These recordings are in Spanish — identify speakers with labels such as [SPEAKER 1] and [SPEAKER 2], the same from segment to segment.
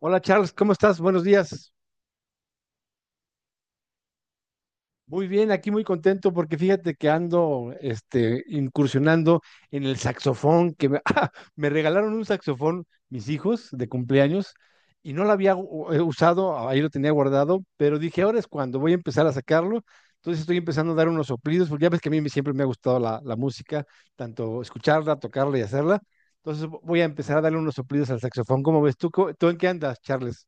[SPEAKER 1] Hola Charles, ¿cómo estás? Buenos días. Muy bien, aquí muy contento porque fíjate que ando incursionando en el saxofón, ¡Ah! Me regalaron un saxofón mis hijos de cumpleaños y no lo había usado, ahí lo tenía guardado, pero dije, ahora es cuando voy a empezar a sacarlo. Entonces estoy empezando a dar unos soplidos, porque ya ves que a siempre me ha gustado la música, tanto escucharla, tocarla y hacerla. Entonces voy a empezar a darle unos soplidos al saxofón. ¿Cómo ves tú? ¿Tú en qué andas, Charles?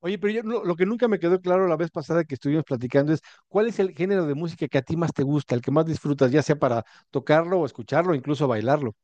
[SPEAKER 1] Oye, pero yo lo que nunca me quedó claro la vez pasada que estuvimos platicando es cuál es el género de música que a ti más te gusta, el que más disfrutas, ya sea para tocarlo o escucharlo, incluso bailarlo.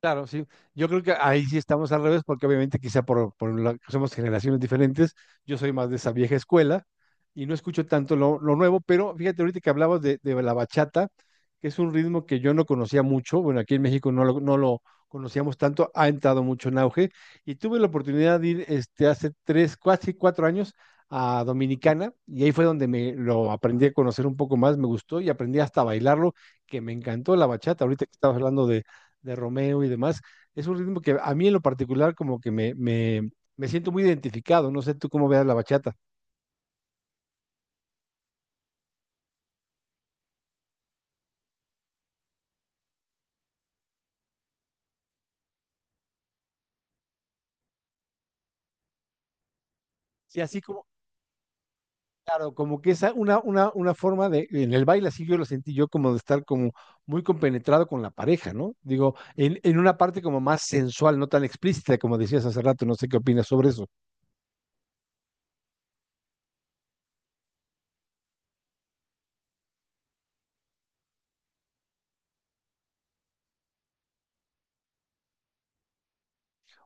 [SPEAKER 1] Claro, sí. Yo creo que ahí sí estamos al revés, porque obviamente quizá somos generaciones diferentes. Yo soy más de esa vieja escuela y no escucho tanto lo nuevo, pero fíjate ahorita que hablabas de la bachata, que es un ritmo que yo no conocía mucho. Bueno, aquí en México no lo conocíamos tanto, ha entrado mucho en auge. Y tuve la oportunidad de ir hace tres, casi cuatro años a Dominicana y ahí fue donde me lo aprendí a conocer un poco más, me gustó y aprendí hasta a bailarlo, que me encantó la bachata. Ahorita que estabas hablando de Romeo y demás. Es un ritmo que a mí en lo particular como que me siento muy identificado, no sé tú cómo veas la bachata. Sí, así como, claro, como que es una forma de, en el baile así yo lo sentí yo como de estar como muy compenetrado con la pareja, ¿no? Digo, en una parte como más sensual, no tan explícita como decías hace rato, no sé qué opinas sobre eso.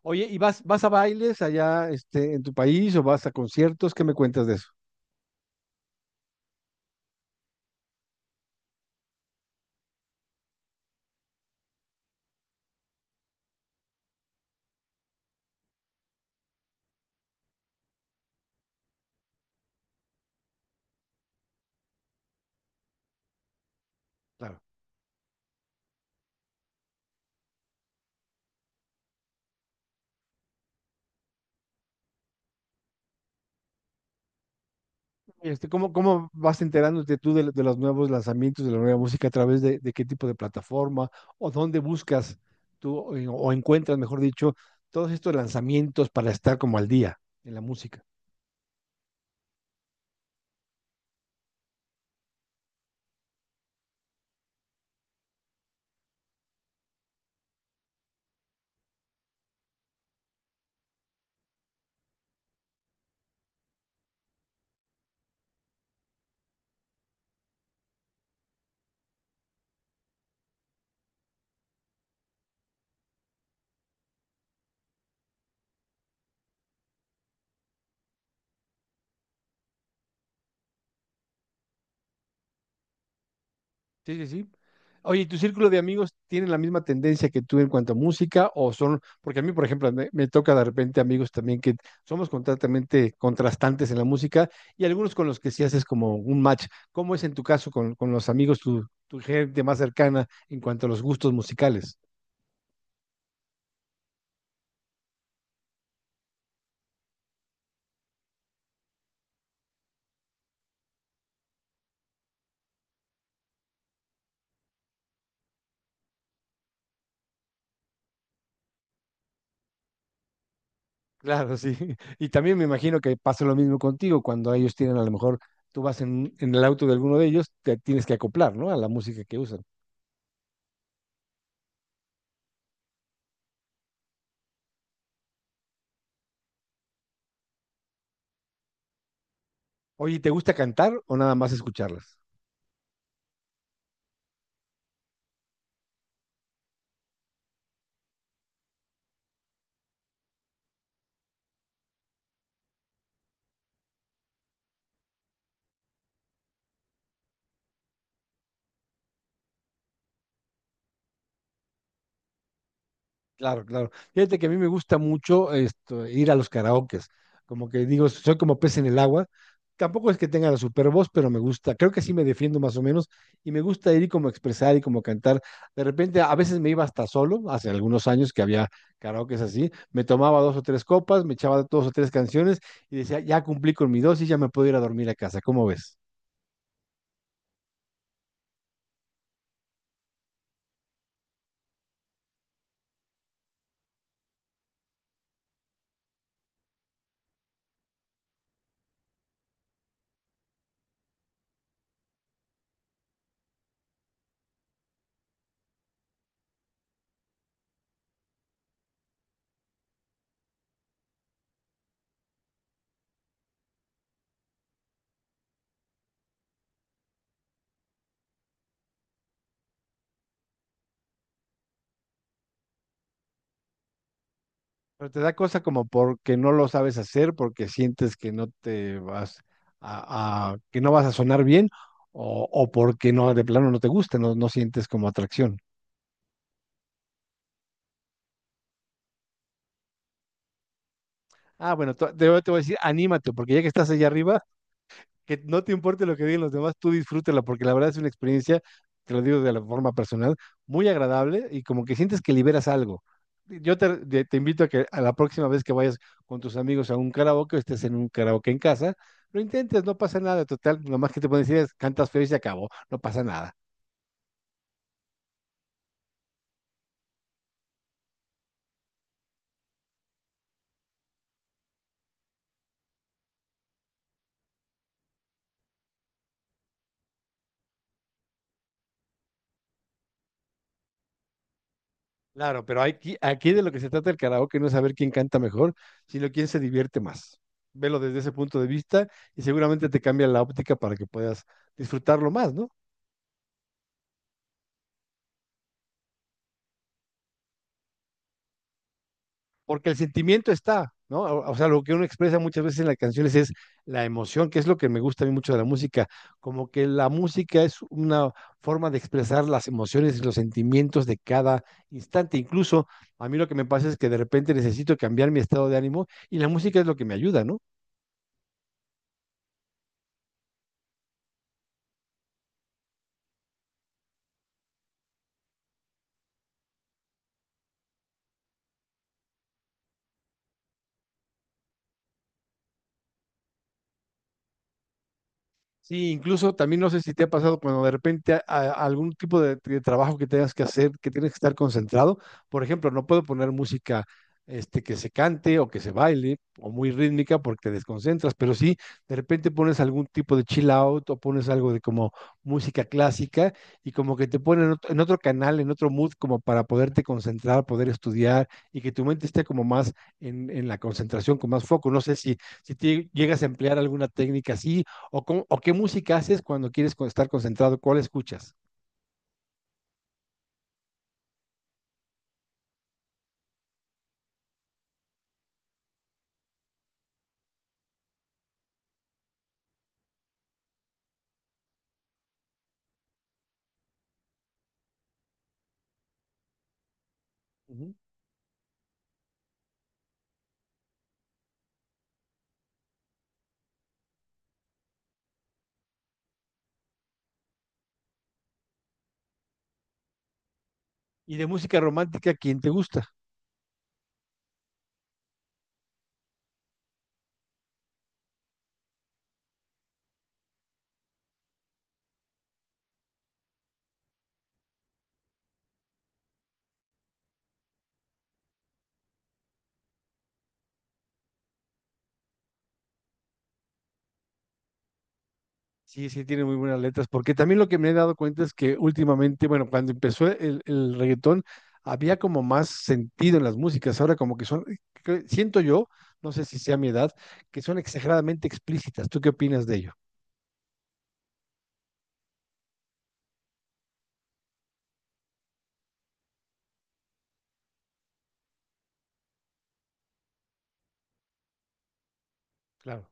[SPEAKER 1] Oye, ¿y vas a bailes allá en tu país o vas a conciertos? ¿Qué me cuentas de eso? Claro. Este, cómo vas enterándote tú de los nuevos lanzamientos, de la nueva música, a través de qué tipo de plataforma o dónde buscas tú o encuentras, mejor dicho, todos estos lanzamientos para estar como al día en la música? Sí, sí, sí. Oye, ¿y ¿tu círculo de amigos tienen la misma tendencia que tú en cuanto a música o son, porque a mí, por ejemplo, me toca de repente amigos también que somos completamente contrastantes en la música y algunos con los que sí haces como un match. ¿Cómo es en tu caso con los amigos, tu gente más cercana en cuanto a los gustos musicales? Claro, sí. Y también me imagino que pasa lo mismo contigo cuando ellos tienen a lo mejor, tú vas en el auto de alguno de ellos, te tienes que acoplar, ¿no? A la música que usan. Oye, ¿te gusta cantar o nada más escucharlas? Claro, claro. Fíjate que a mí me gusta mucho esto, ir a los karaokes. Como que digo, soy como pez en el agua. Tampoco es que tenga la super voz, pero me gusta. Creo que sí me defiendo más o menos y me gusta ir y como expresar y como cantar. De repente, a veces me iba hasta solo, hace algunos años que había karaokes así. Me tomaba dos o tres copas, me echaba dos o tres canciones y decía, ya cumplí con mi dosis, ya me puedo ir a dormir a casa. ¿Cómo ves? Pero te da cosa como porque no lo sabes hacer, porque sientes que no te vas a, que no vas a sonar bien, o porque no, de plano no te gusta, no, no sientes como atracción. Ah, bueno, voy te voy a decir, anímate, porque ya que estás allá arriba, que no te importe lo que digan los demás, tú disfrútela, porque la verdad es una experiencia, te lo digo de la forma personal, muy agradable y como que sientes que liberas algo. Yo te invito a que a la próxima vez que vayas con tus amigos a un karaoke o estés en un karaoke en casa, lo intentes, no pasa nada, total, lo más que te pueden decir es cantas feo y se acabó, no pasa nada. Claro, pero aquí de lo que se trata el karaoke no es saber quién canta mejor, sino quién se divierte más. Velo desde ese punto de vista y seguramente te cambia la óptica para que puedas disfrutarlo más, ¿no? Porque el sentimiento está, ¿no? O sea, lo que uno expresa muchas veces en las canciones es la emoción, que es lo que me gusta a mí mucho de la música, como que la música es una forma de expresar las emociones y los sentimientos de cada instante. Incluso a mí lo que me pasa es que de repente necesito cambiar mi estado de ánimo y la música es lo que me ayuda, ¿no? Sí, incluso también no sé si te ha pasado cuando de repente algún tipo de trabajo que tengas que hacer, que tienes que estar concentrado. Por ejemplo, no puedo poner música que se cante o que se baile o muy rítmica porque te desconcentras, pero sí, de repente pones algún tipo de chill out o pones algo de como música clásica y como que te ponen en otro canal, en otro mood, como para poderte concentrar, poder estudiar y que tu mente esté como más en la concentración, con más foco. No sé si, si te llegas a emplear alguna técnica así ¿O, o qué música haces cuando quieres estar concentrado? ¿Cuál escuchas? Ujú. Y de música romántica, ¿quién te gusta? Sí, sí, tiene muy buenas letras, porque también lo que me he dado cuenta es que últimamente, bueno, cuando empezó el reggaetón, había como más sentido en las músicas, ahora como que son, que siento yo, no sé si sea mi edad, que son exageradamente explícitas. ¿Tú qué opinas de ello? Claro.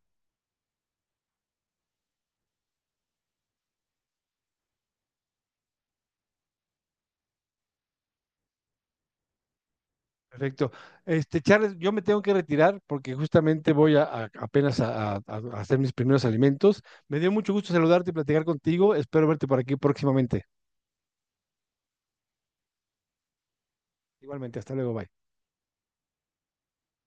[SPEAKER 1] Perfecto. Este, Charles, yo me tengo que retirar porque justamente voy apenas a hacer mis primeros alimentos. Me dio mucho gusto saludarte y platicar contigo. Espero verte por aquí próximamente. Igualmente, hasta luego, bye.